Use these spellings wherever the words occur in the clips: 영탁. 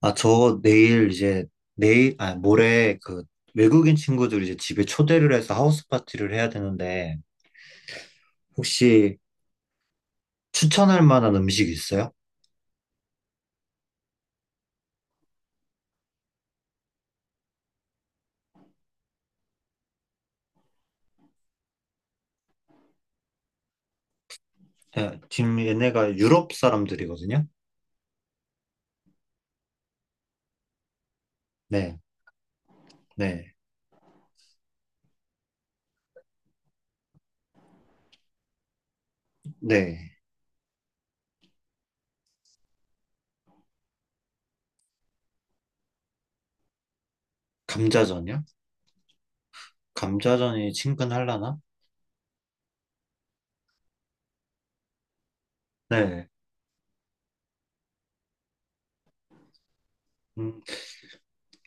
아, 저 내일 이제, 모레 외국인 친구들 이제 집에 초대를 해서 하우스 파티를 해야 되는데, 혹시 추천할 만한 음식 있어요? 네, 지금 얘네가 유럽 사람들이거든요? 네, 네, 네. 감자전이요? 감자전이 친근하려나? 네. 음,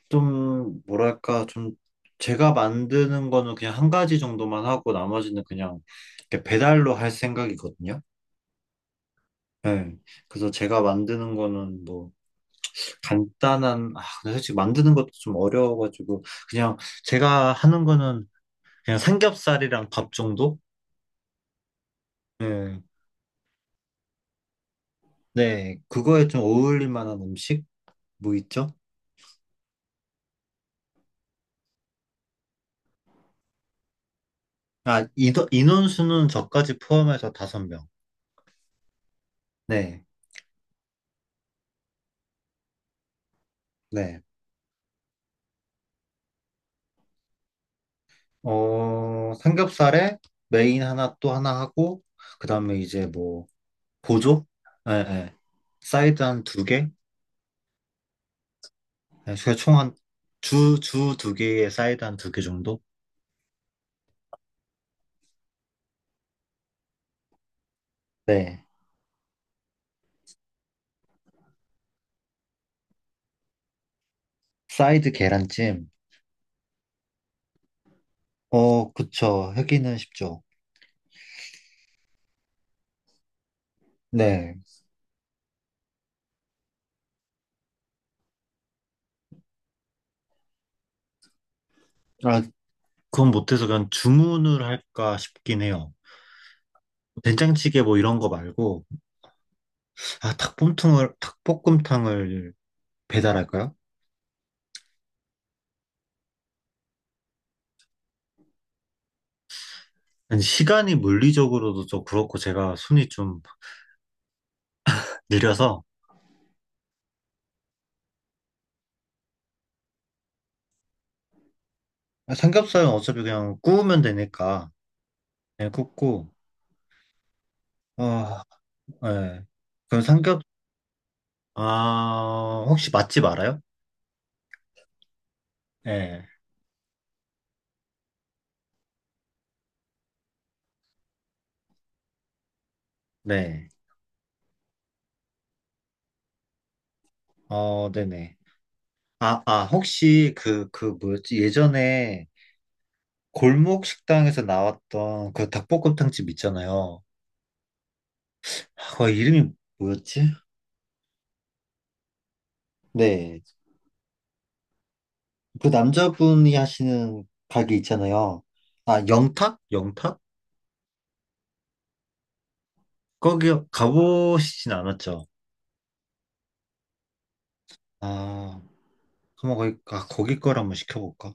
좀, 뭐랄까, 좀, 제가 만드는 거는 그냥 한 가지 정도만 하고 나머지는 그냥 이렇게 배달로 할 생각이거든요? 네. 그래서 제가 만드는 거는 뭐, 간단한, 근데 솔직히 만드는 것도 좀 어려워가지고, 그냥 제가 하는 거는 그냥 삼겹살이랑 밥 정도? 네, 네, 그거에 좀 어울릴 만한 음식? 뭐 있죠? 아, 인원수는 저까지 포함해서 5명. 네, 네. 삼겹살에 메인 하나 또 하나 하고, 그 다음에 이제 뭐, 보조? 네, 네. 사이드 한 두 개? 네, 총한 주 두 개에 사이드 한 두 개 정도? 네. 사이드 계란찜. 어, 그쵸. 하기는 쉽죠. 네. 아, 그건 못해서 그냥 주문을 할까 싶긴 해요. 된장찌개 뭐 이런 거 말고, 닭볶음탕을 배달할까요? 아니, 시간이 물리적으로도 좀 그렇고 제가 손이 좀 느려서, 아, 삼겹살은 어차피 그냥 구우면 되니까, 그냥 굽고, 아, 예. 그럼 혹시 맛집 알아요? 네 네. 어, 네네. 아, 혹시 그 뭐였지? 예전에 골목 식당에서 나왔던 그 닭볶음탕집 있잖아요. 아, 그 이름이 뭐였지? 네. 그 남자분이 하시는 가게 있잖아요. 아, 영탁? 영탁? 거기 가보시진 않았죠? 아, 한번 거기 걸 한번 시켜볼까?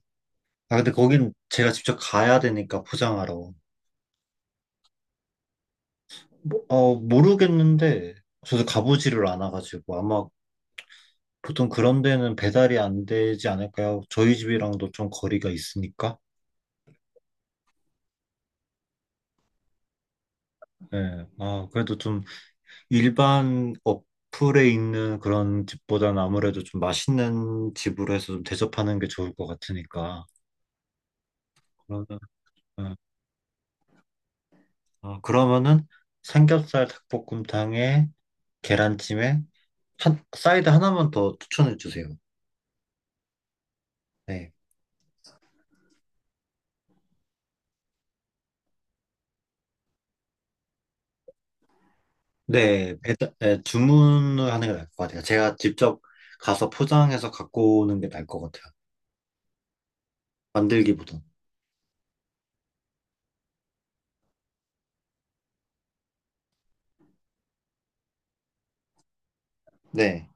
아, 근데 거긴 제가 직접 가야 되니까 포장하러. 뭐, 모르겠는데, 저도 가보지를 않아가지고, 아마 보통 그런 데는 배달이 안 되지 않을까요? 저희 집이랑도 좀 거리가 있으니까. 예. 아, 그래도 좀 일반 어플에 있는 그런 집보다는 아무래도 좀 맛있는 집으로 해서 좀 대접하는 게 좋을 것 같으니까. 그러면, 예. 아, 그러면은 삼겹살 닭볶음탕에 계란찜에 사이드 하나만 더 추천해 주세요. 네. 네, 네, 주문을 하는 게 나을 것 같아요. 제가 직접 가서 포장해서 갖고 오는 게 나을 것 같아요. 만들기보다. 네.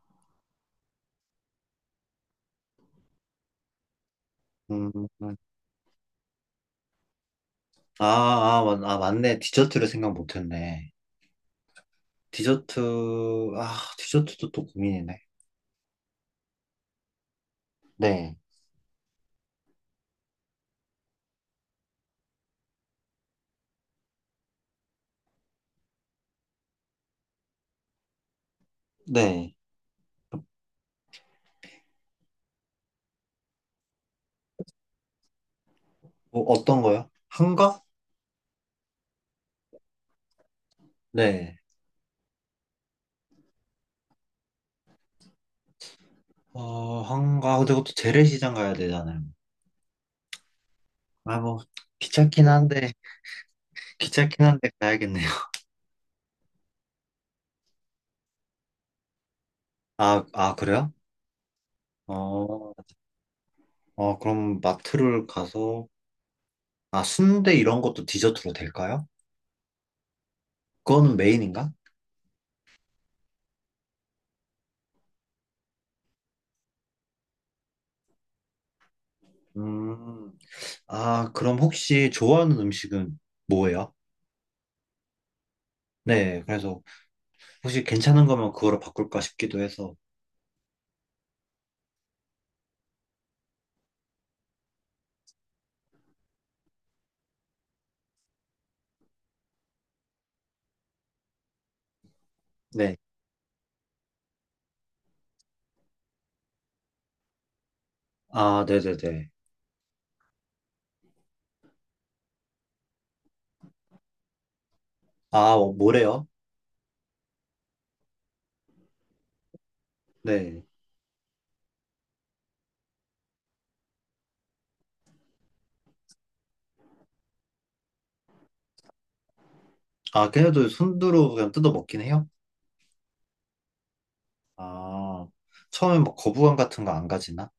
음, 맞네. 디저트를 생각 못했네. 디저트, 디저트도 또 고민이네. 네. 네. 뭐, 어떤 거요? 한가? 네. 한가. 근데 그것도 재래시장 가야 되잖아요. 아, 뭐, 귀찮긴 한데, 귀찮긴 한데 가야겠네요. 아, 그래요? 어, 그럼 마트를 가서, 순대 이런 것도 디저트로 될까요? 그거는 메인인가? 음. 아, 그럼 혹시 좋아하는 음식은 뭐예요? 네, 그래서 혹시 괜찮은 거면 그거로 바꿀까 싶기도 해서. 네. 아, 네네네. 아, 뭐래요? 네. 아, 걔네도 손으로 그냥 뜯어 먹긴 해요? 아, 처음에 막 거부감 같은 거 안 가지나?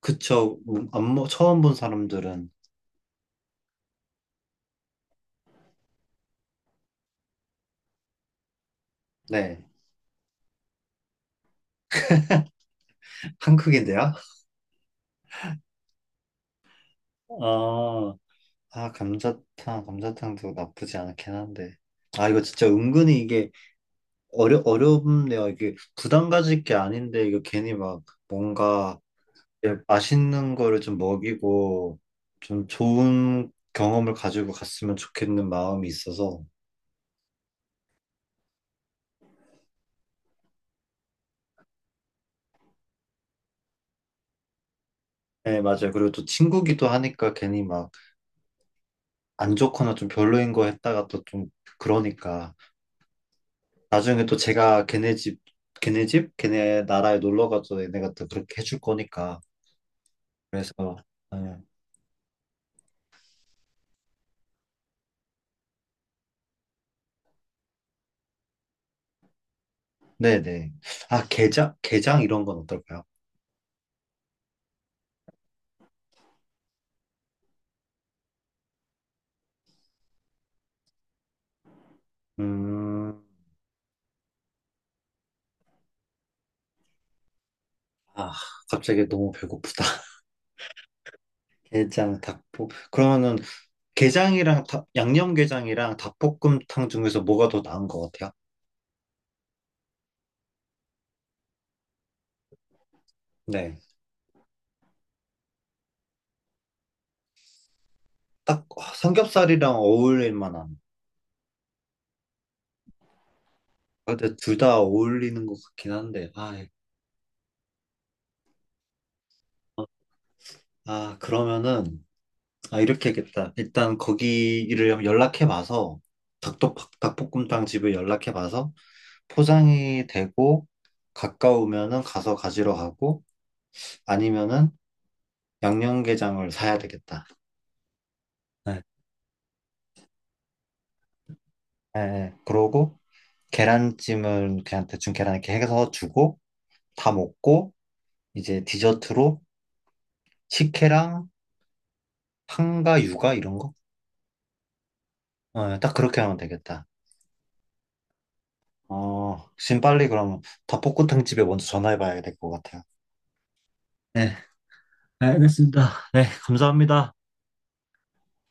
그쵸. 안, 먹- 처음 본 사람들은. 네. 한국인데요? 아, 감자탕도 나쁘지 않긴 한데. 아, 이거 진짜 은근히 이게 어렵네요. 이게 부담 가질 게 아닌데, 이거 괜히 막 뭔가 예, 맛있는 거를 좀 먹이고, 좀 좋은 경험을 가지고 갔으면 좋겠는 마음이 있어서. 네, 맞아요. 그리고 또 친구기도 하니까 괜히 막 안 좋거나 좀 별로인 거 했다가 또 좀 그러니까. 나중에 또 제가 걔네 집, 걔네 집? 걔네 나라에 놀러 가도 얘네가 또 그렇게 해줄 거니까. 그래서, 네, 네네. 아, 게장? 게장 이런 건 어떨까요? 음. 아, 갑자기 너무 배고프다. 게장, 닭볶. 그러면은 게장이랑 양념게장이랑 닭볶음탕 중에서 뭐가 더 나은 것 같아요? 네. 딱 삼겹살이랑 어울릴 만한. 아, 근데 둘 다 어울리는 것 같긴 한데. 아, 예. 아, 그러면은 이렇게 하겠다. 일단 거기를 연락해 봐서 닭도 닭볶음탕 집을 연락해 봐서 포장이 되고 가까우면은 가서 가지러 가고 아니면은 양념게장을 사야 되겠다. 네. 예, 예. 그러고 계란찜은 그냥 대충 계란 이렇게 해서 주고 다 먹고 이제 디저트로 식혜랑 한가 유가 이런 거? 예, 딱 그렇게 하면 되겠다. 지금 빨리 그럼 닭볶음탕 집에 먼저 전화해 봐야 될 것 같아요. 네, 알겠습니다. 네, 감사합니다.